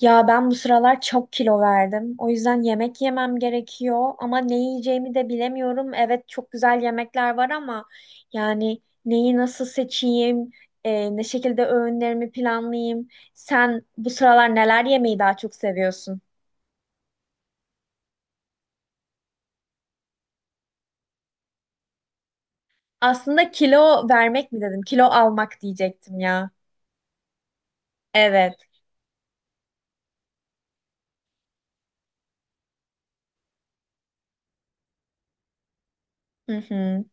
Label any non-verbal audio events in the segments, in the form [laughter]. Ya ben bu sıralar çok kilo verdim. O yüzden yemek yemem gerekiyor ama ne yiyeceğimi de bilemiyorum. Evet, çok güzel yemekler var ama yani neyi nasıl seçeyim, ne şekilde öğünlerimi planlayayım. Sen bu sıralar neler yemeyi daha çok seviyorsun? Aslında kilo vermek mi dedim? Kilo almak diyecektim ya. Evet. Hı hı.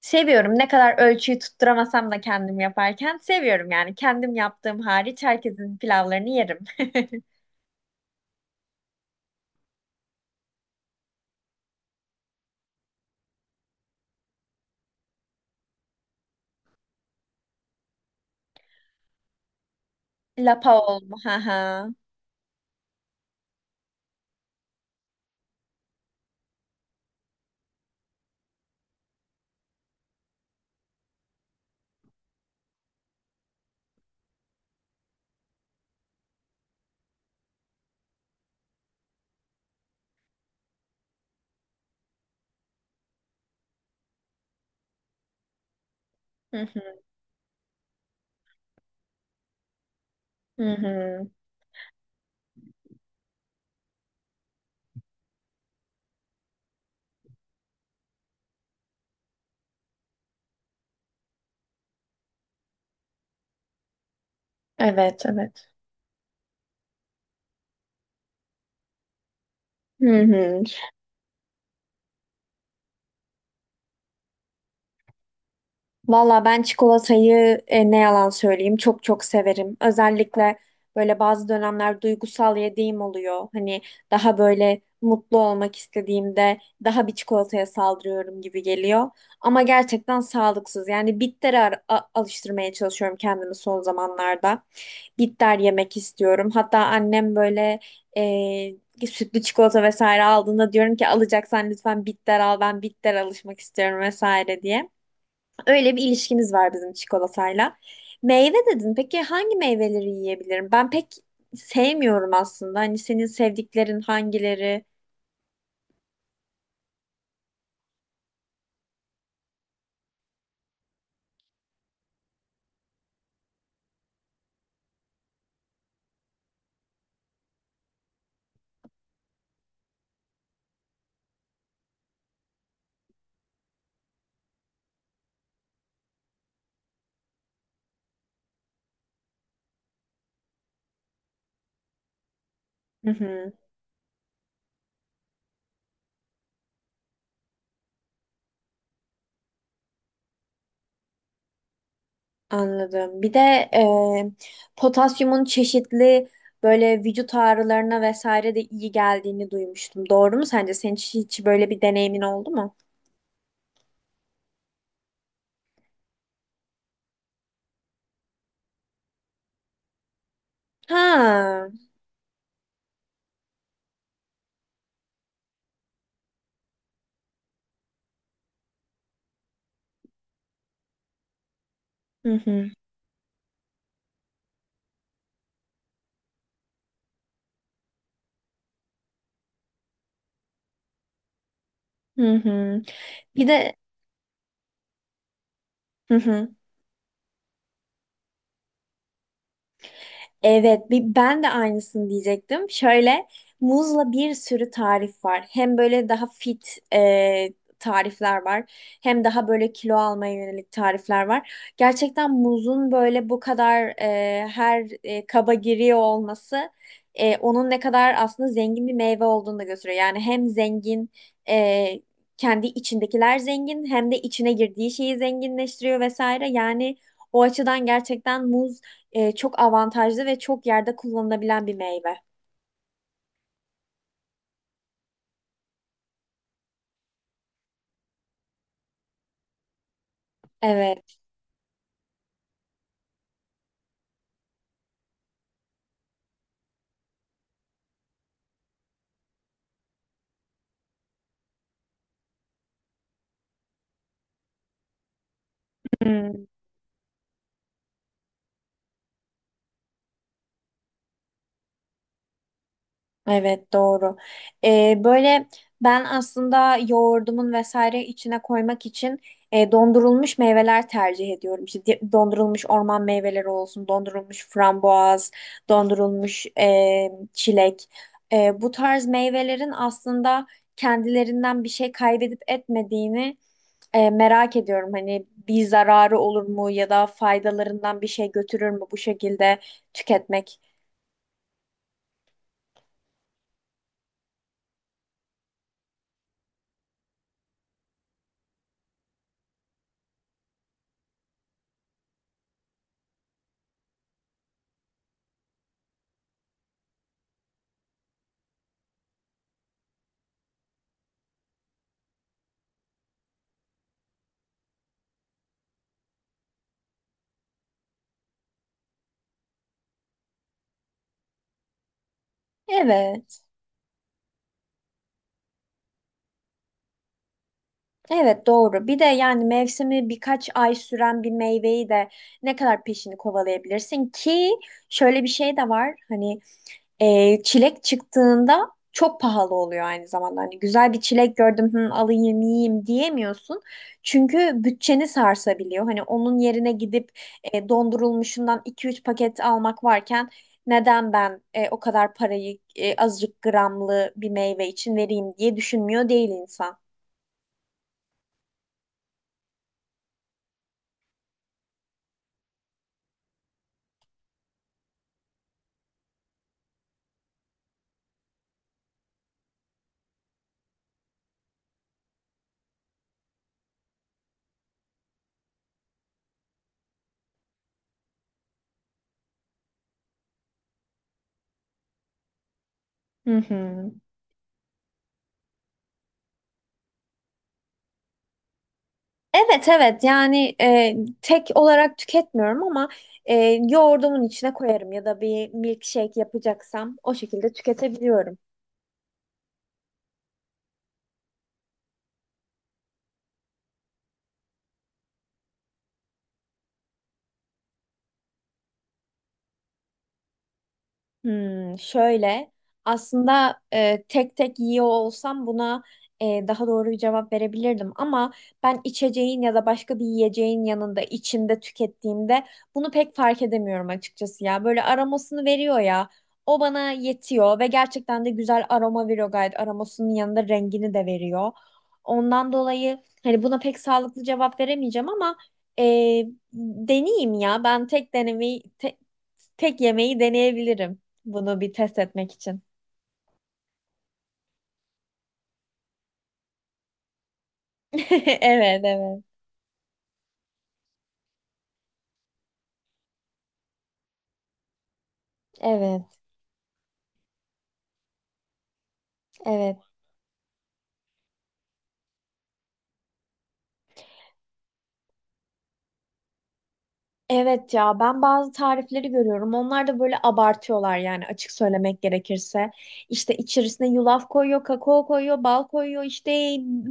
Seviyorum. Ne kadar ölçüyü tutturamasam da kendim yaparken seviyorum yani. Kendim yaptığım hariç herkesin pilavlarını yerim. [laughs] Lapa olma. Ha ha. Hı hı. Hı hı. Evet, evet. Hı hı. Valla ben çikolatayı ne yalan söyleyeyim, çok çok severim. Özellikle böyle bazı dönemler duygusal yediğim oluyor. Hani daha böyle mutlu olmak istediğimde daha bir çikolataya saldırıyorum gibi geliyor. Ama gerçekten sağlıksız. Yani bittere alıştırmaya çalışıyorum kendimi son zamanlarda. Bitter yemek istiyorum. Hatta annem böyle sütlü çikolata vesaire aldığında diyorum ki alacaksan lütfen bitter al, ben bitter alışmak istiyorum vesaire diye. Öyle bir ilişkimiz var bizim çikolatayla. Meyve dedin. Peki hangi meyveleri yiyebilirim? Ben pek sevmiyorum aslında. Hani senin sevdiklerin hangileri? Hı hı, anladım. Bir de potasyumun çeşitli böyle vücut ağrılarına vesaire de iyi geldiğini duymuştum. Doğru mu sence? Senin hiç böyle bir deneyimin oldu mu? Ha. Hı hı. Hı hı. Bir de hı hı. Evet, ben de aynısını diyecektim. Şöyle muzla bir sürü tarif var. Hem böyle daha fit e, tarifler var. Hem daha böyle kilo almaya yönelik tarifler var. Gerçekten muzun böyle bu kadar her kaba giriyor olması onun ne kadar aslında zengin bir meyve olduğunu da gösteriyor. Yani hem zengin e, kendi içindekiler zengin, hem de içine girdiği şeyi zenginleştiriyor vesaire. Yani o açıdan gerçekten muz çok avantajlı ve çok yerde kullanılabilen bir meyve. Evet. Hmm. Evet, doğru. Böyle ben aslında yoğurdumun vesaire içine koymak için dondurulmuş meyveler tercih ediyorum. İşte dondurulmuş orman meyveleri olsun, dondurulmuş frambuaz, dondurulmuş çilek. Bu tarz meyvelerin aslında kendilerinden bir şey kaybedip etmediğini merak ediyorum. Hani bir zararı olur mu, ya da faydalarından bir şey götürür mü bu şekilde tüketmek? Evet. Evet, doğru. Bir de yani mevsimi birkaç ay süren bir meyveyi de ne kadar peşini kovalayabilirsin ki şöyle bir şey de var. Hani çilek çıktığında çok pahalı oluyor aynı zamanda. Hani güzel bir çilek gördüm, hı, alayım yiyeyim diyemiyorsun. Çünkü bütçeni sarsabiliyor. Hani onun yerine gidip dondurulmuşundan iki üç paket almak varken neden ben o kadar parayı azıcık gramlı bir meyve için vereyim diye düşünmüyor değil insan. Hı hı. Evet, evet, yani tek olarak tüketmiyorum ama e, yoğurdumun içine koyarım ya da bir milkshake yapacaksam o şekilde tüketebiliyorum. Hmm, şöyle aslında tek tek yiyor olsam buna daha doğru bir cevap verebilirdim ama ben içeceğin ya da başka bir yiyeceğin yanında içinde tükettiğimde bunu pek fark edemiyorum açıkçası. Ya böyle aromasını veriyor, ya o bana yetiyor ve gerçekten de güzel aroma veriyor gayet, aromasının yanında rengini de veriyor, ondan dolayı hani buna pek sağlıklı cevap veremeyeceğim ama e, deneyeyim ya, ben tek denemeyi tek yemeği deneyebilirim. Bunu bir test etmek için. [laughs] Evet, evet. Evet, evet. Evet, ya ben bazı tarifleri görüyorum. Onlar da böyle abartıyorlar yani, açık söylemek gerekirse. İşte içerisine yulaf koyuyor, kakao koyuyor, bal koyuyor, işte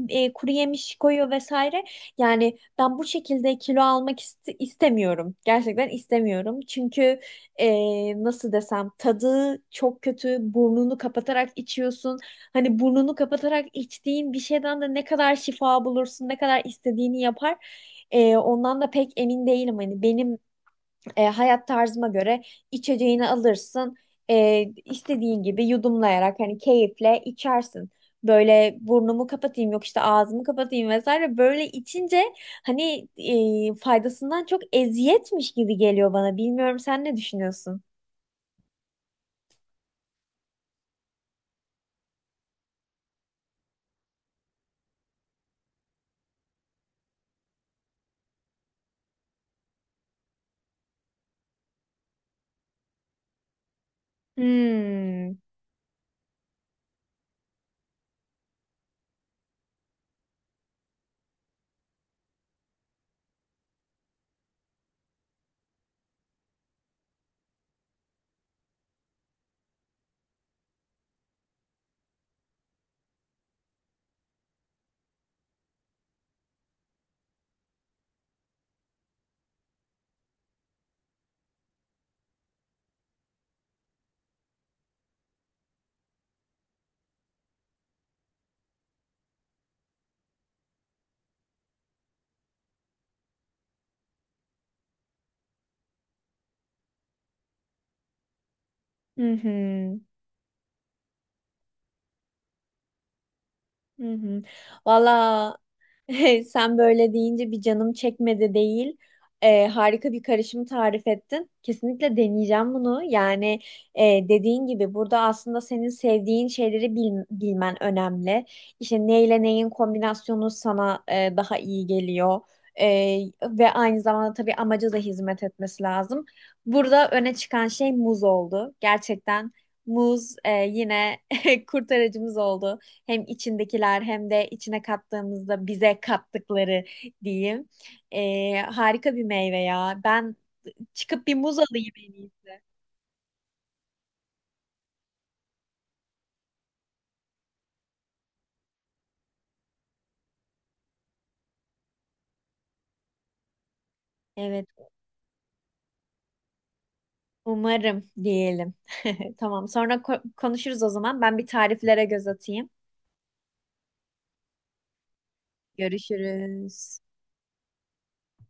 kuru yemiş koyuyor vesaire. Yani ben bu şekilde kilo almak istemiyorum. Gerçekten istemiyorum. Çünkü nasıl desem, tadı çok kötü. Burnunu kapatarak içiyorsun. Hani burnunu kapatarak içtiğin bir şeyden de ne kadar şifa bulursun, ne kadar istediğini yapar. Ondan da pek emin değilim. Hani benim hayat tarzıma göre içeceğini alırsın. İstediğin gibi yudumlayarak hani keyifle içersin. Böyle burnumu kapatayım, yok işte ağzımı kapatayım vesaire. Böyle içince hani faydasından çok eziyetmiş gibi geliyor bana. Bilmiyorum, sen ne düşünüyorsun? Hmm. Hı hı. Hı hı. Valla, [laughs] sen böyle deyince bir canım çekmedi değil. Harika bir karışım tarif ettin. Kesinlikle deneyeceğim bunu. Yani dediğin gibi burada aslında senin sevdiğin şeyleri bilmen önemli. İşte neyle neyin kombinasyonu sana daha iyi geliyor. E, ve aynı zamanda tabii amaca da hizmet etmesi lazım. Burada öne çıkan şey muz oldu. Gerçekten muz yine [laughs] kurtarıcımız oldu. Hem içindekiler, hem de içine kattığımızda bize kattıkları diyeyim. Harika bir meyve ya. Ben çıkıp bir muz alayım en iyisi. Evet, umarım diyelim. [laughs] Tamam, sonra konuşuruz o zaman. Ben bir tariflere göz atayım. Görüşürüz.